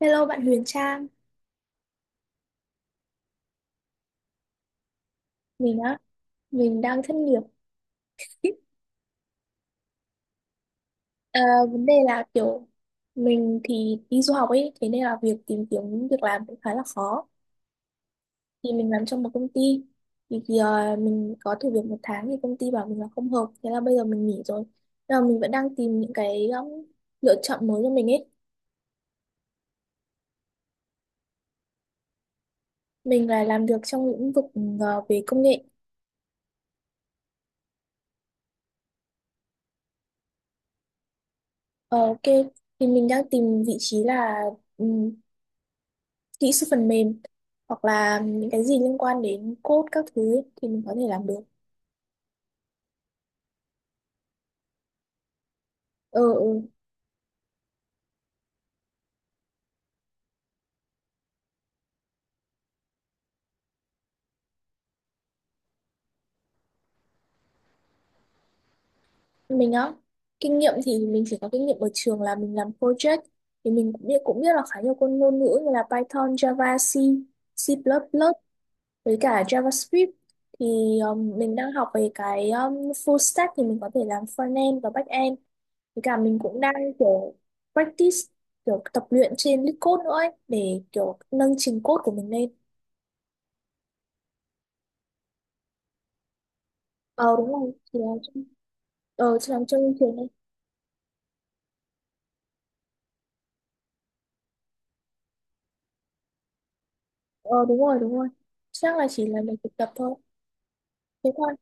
Hello bạn Huyền Trang, mình á, mình đang thất nghiệp. Ờ, vấn đề là kiểu mình thì đi du học ấy, thế nên là việc tìm kiếm việc làm cũng khá là khó. Thì mình làm trong một công ty, thì mình có thử việc một tháng thì công ty bảo mình là không hợp, thế là bây giờ mình nghỉ rồi. Nhưng mà mình vẫn đang tìm những cái lựa chọn mới cho mình ấy. Mình là làm việc trong lĩnh vực về công nghệ. Ờ, ok, thì mình đang tìm vị trí là kỹ sư phần mềm hoặc là những cái gì liên quan đến code các thứ ấy, thì mình có thể làm được. ừ, ừ. Mình á, kinh nghiệm thì mình chỉ có kinh nghiệm ở trường là mình làm project, thì mình cũng biết là khá nhiều con ngôn ngữ như là Python, Java, C, C++, với cả JavaScript. Thì mình đang học về cái full stack, thì mình có thể làm front end và back end, với cả mình cũng đang kiểu practice, kiểu tập luyện trên LeetCode nữa ấy, để kiểu nâng trình code của mình lên. Ờ đúng rồi, thì là chị làm trong trường đấy. Ờ đúng rồi, đúng rồi, chắc là chỉ là mình thực tập thôi, thế thôi.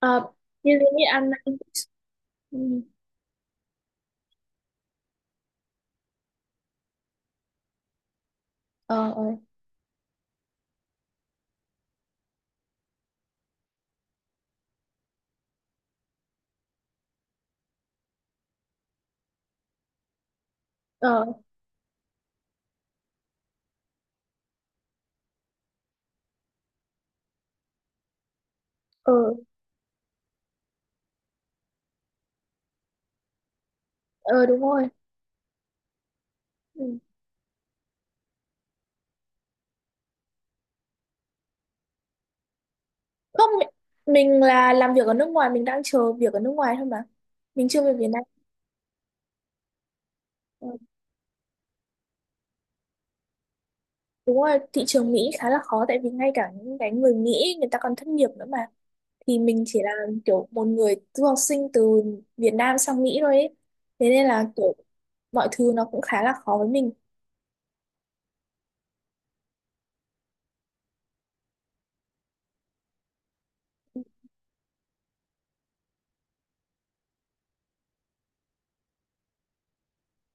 À, như thế như ăn ăn- ừ. ờ ờ ờ ờ ờ, đúng rồi. Ừ. không mi- mình là làm việc ở nước ngoài, mình đang chờ việc ở nước ngoài thôi mà, mình chưa về Việt Nam. Ờ, đúng rồi, thị trường Mỹ khá là khó, tại vì ngay cả những cái người Mỹ, người ta còn thất nghiệp nữa mà, thì mình chỉ là kiểu một người du học sinh từ Việt Nam sang Mỹ thôi ấy. Thế nên là kiểu mọi thứ nó cũng khá là khó với mình.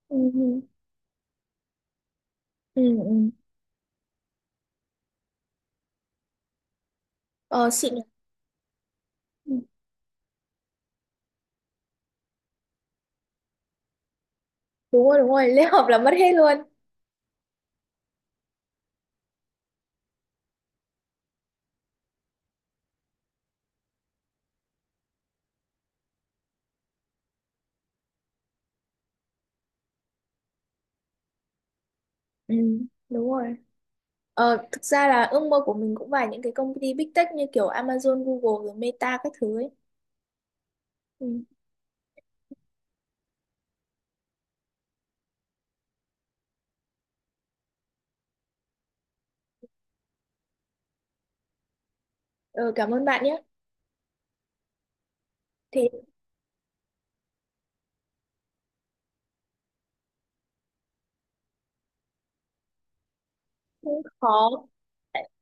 Ừ. Ừ. ừ ừ ờ xịn nhỉ? Ừ, đúng rồi đúng rồi, lễ hợp là mất hết luôn. Ừ đúng rồi, thực ra là ước mơ của mình cũng phải những cái công ty big tech như kiểu Amazon, Google rồi Meta các thứ ấy. Ừ. Ờ, cảm ơn bạn nhé. Thế, cũng khó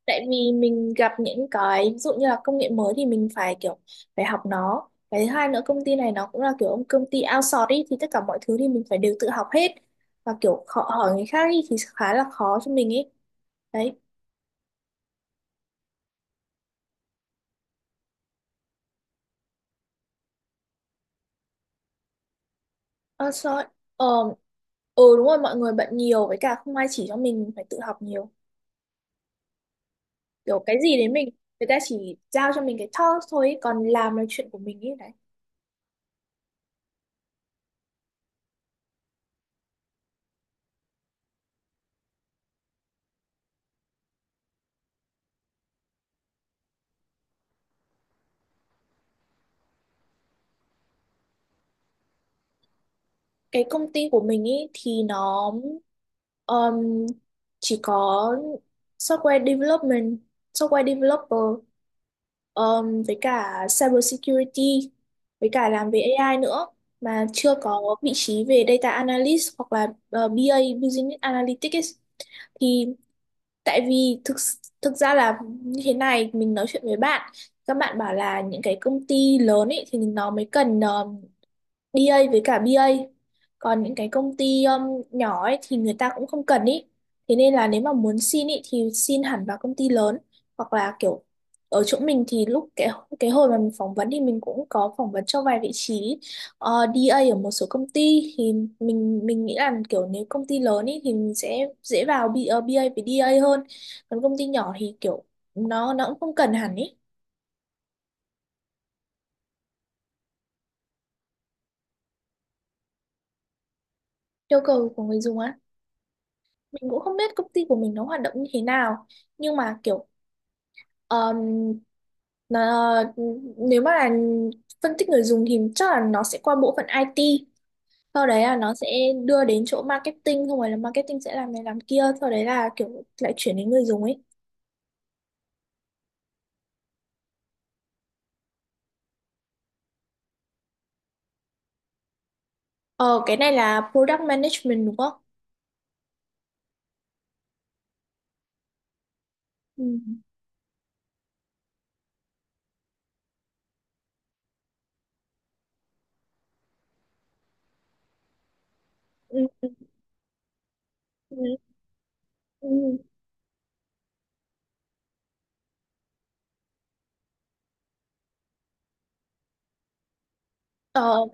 tại vì mình gặp những cái ví dụ như là công nghệ mới thì mình phải kiểu phải học nó. Cái thứ hai nữa, công ty này nó cũng là kiểu ông công ty outsource ý, thì tất cả mọi thứ thì mình phải đều tự học hết, và kiểu khó hỏi người khác ý, thì khá là khó cho mình ấy đấy. Ờ, sorry. Ừ đúng rồi, mọi người bận nhiều, với cả không ai chỉ cho mình phải tự học nhiều. Kiểu cái gì đến mình, người ta chỉ giao cho mình cái task thôi ý, còn làm là chuyện của mình ấy đấy. Cái công ty của mình ấy thì nó um, chỉ có software development, software developer, với cả cyber security, với cả làm về AI nữa, mà chưa có vị trí về data analyst hoặc là BA, business analytics ấy. Thì tại vì thực thực ra là như thế này, mình nói chuyện với bạn, các bạn bảo là những cái công ty lớn ấy thì nó mới cần đê A với cả bê A. Còn những cái công ty nhỏ ấy thì người ta cũng không cần ý. Thế nên là nếu mà muốn xin ý thì xin hẳn vào công ty lớn, hoặc là kiểu ở chỗ mình thì lúc cái hồi mà mình phỏng vấn thì mình cũng có phỏng vấn cho vài vị trí đê A ở một số công ty, thì mình nghĩ là kiểu nếu công ty lớn ý thì mình sẽ dễ vào B, A với A hơn. Còn công ty nhỏ thì kiểu nó cũng không cần hẳn ý. Yêu cầu của người dùng á. Mình cũng không biết công ty của mình nó hoạt động như thế nào, nhưng mà kiểu um, nó, nếu mà là phân tích người dùng thì chắc là nó sẽ qua bộ phận IT, sau đấy là nó sẽ đưa đến chỗ marketing, không phải là marketing sẽ làm này làm kia, sau đấy là kiểu lại chuyển đến người dùng ấy. Ờ, cái này là product management đúng không? Ừ. Ừ. Ừ. Ừ. Ờ, ok.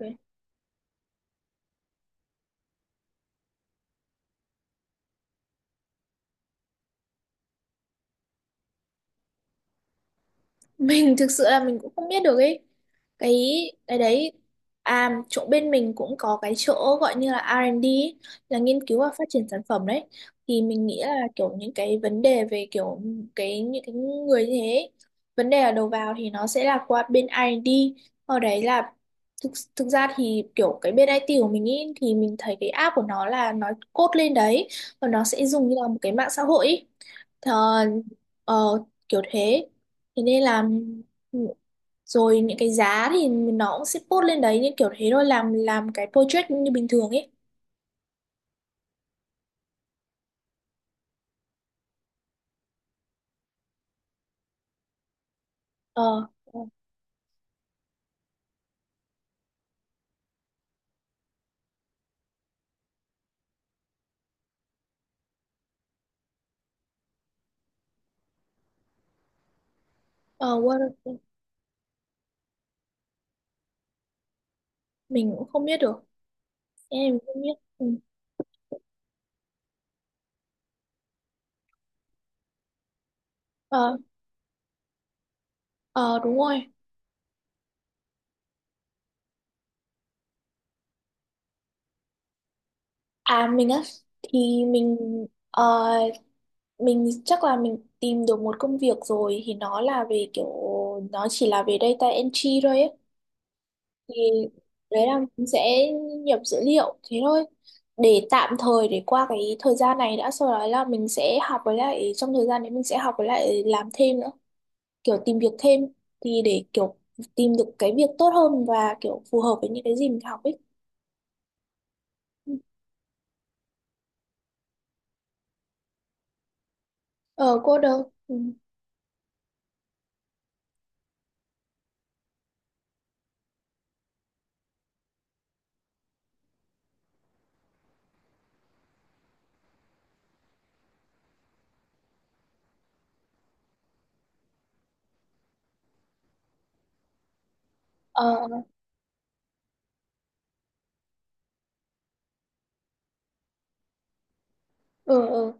Mình thực sự là mình cũng không biết được ấy, cái cái đấy. À, chỗ bên mình cũng có cái chỗ gọi như là R&D ấy, là nghiên cứu và phát triển sản phẩm đấy. Thì mình nghĩ là kiểu những cái vấn đề về kiểu cái những cái người như thế ấy, vấn đề ở đầu vào thì nó sẽ là qua bên R&D. Ở đấy là thực ra thì kiểu cái bên IT của mình ý, thì mình thấy cái app của nó là nó code lên đấy, và nó sẽ dùng như là một cái mạng xã hội ý. Thờ, ờ, kiểu thế, thế nên là ừ, rồi những cái giá thì nó cũng sẽ post lên đấy, như kiểu thế thôi, làm cái project như bình thường ấy. ờ ờ what- mình cũng không biết được, em mình không biết ừ. ờ ờ đúng rồi. À, mình á, thì ờ, mình chắc là mình tìm được một công việc rồi, thì nó là về kiểu nó chỉ là về data entry thôi ấy. Thì đấy là mình sẽ nhập dữ liệu thế thôi, để tạm thời để qua cái thời gian này đã, sau đó là mình sẽ học, với lại trong thời gian đấy mình sẽ học với lại làm thêm nữa, kiểu tìm việc thêm, thì để kiểu tìm được cái việc tốt hơn và kiểu phù hợp với những cái gì mình học ấy. Ừ. Ờ cô đâu ừ. ờ ờ ờ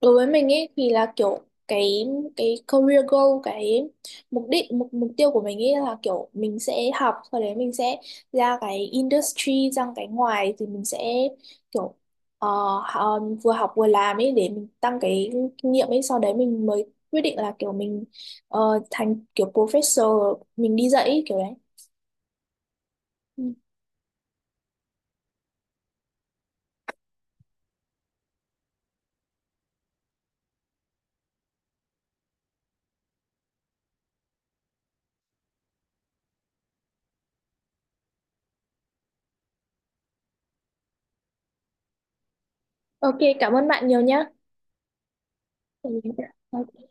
đối với mình ấy thì là kiểu cái cái career goal, cái mục đích, mục mục tiêu của mình ấy là kiểu mình sẽ học, sau đấy mình sẽ ra cái industry, ra cái ngoài thì mình sẽ kiểu ờ, vừa học vừa làm ấy, để mình tăng cái kinh nghiệm ấy, sau đấy mình mới quyết định là kiểu thành kiểu professor, mình đi dạy ấy, kiểu đấy. Ừ. Ok, cảm ơn bạn nhiều nhá. Ừ.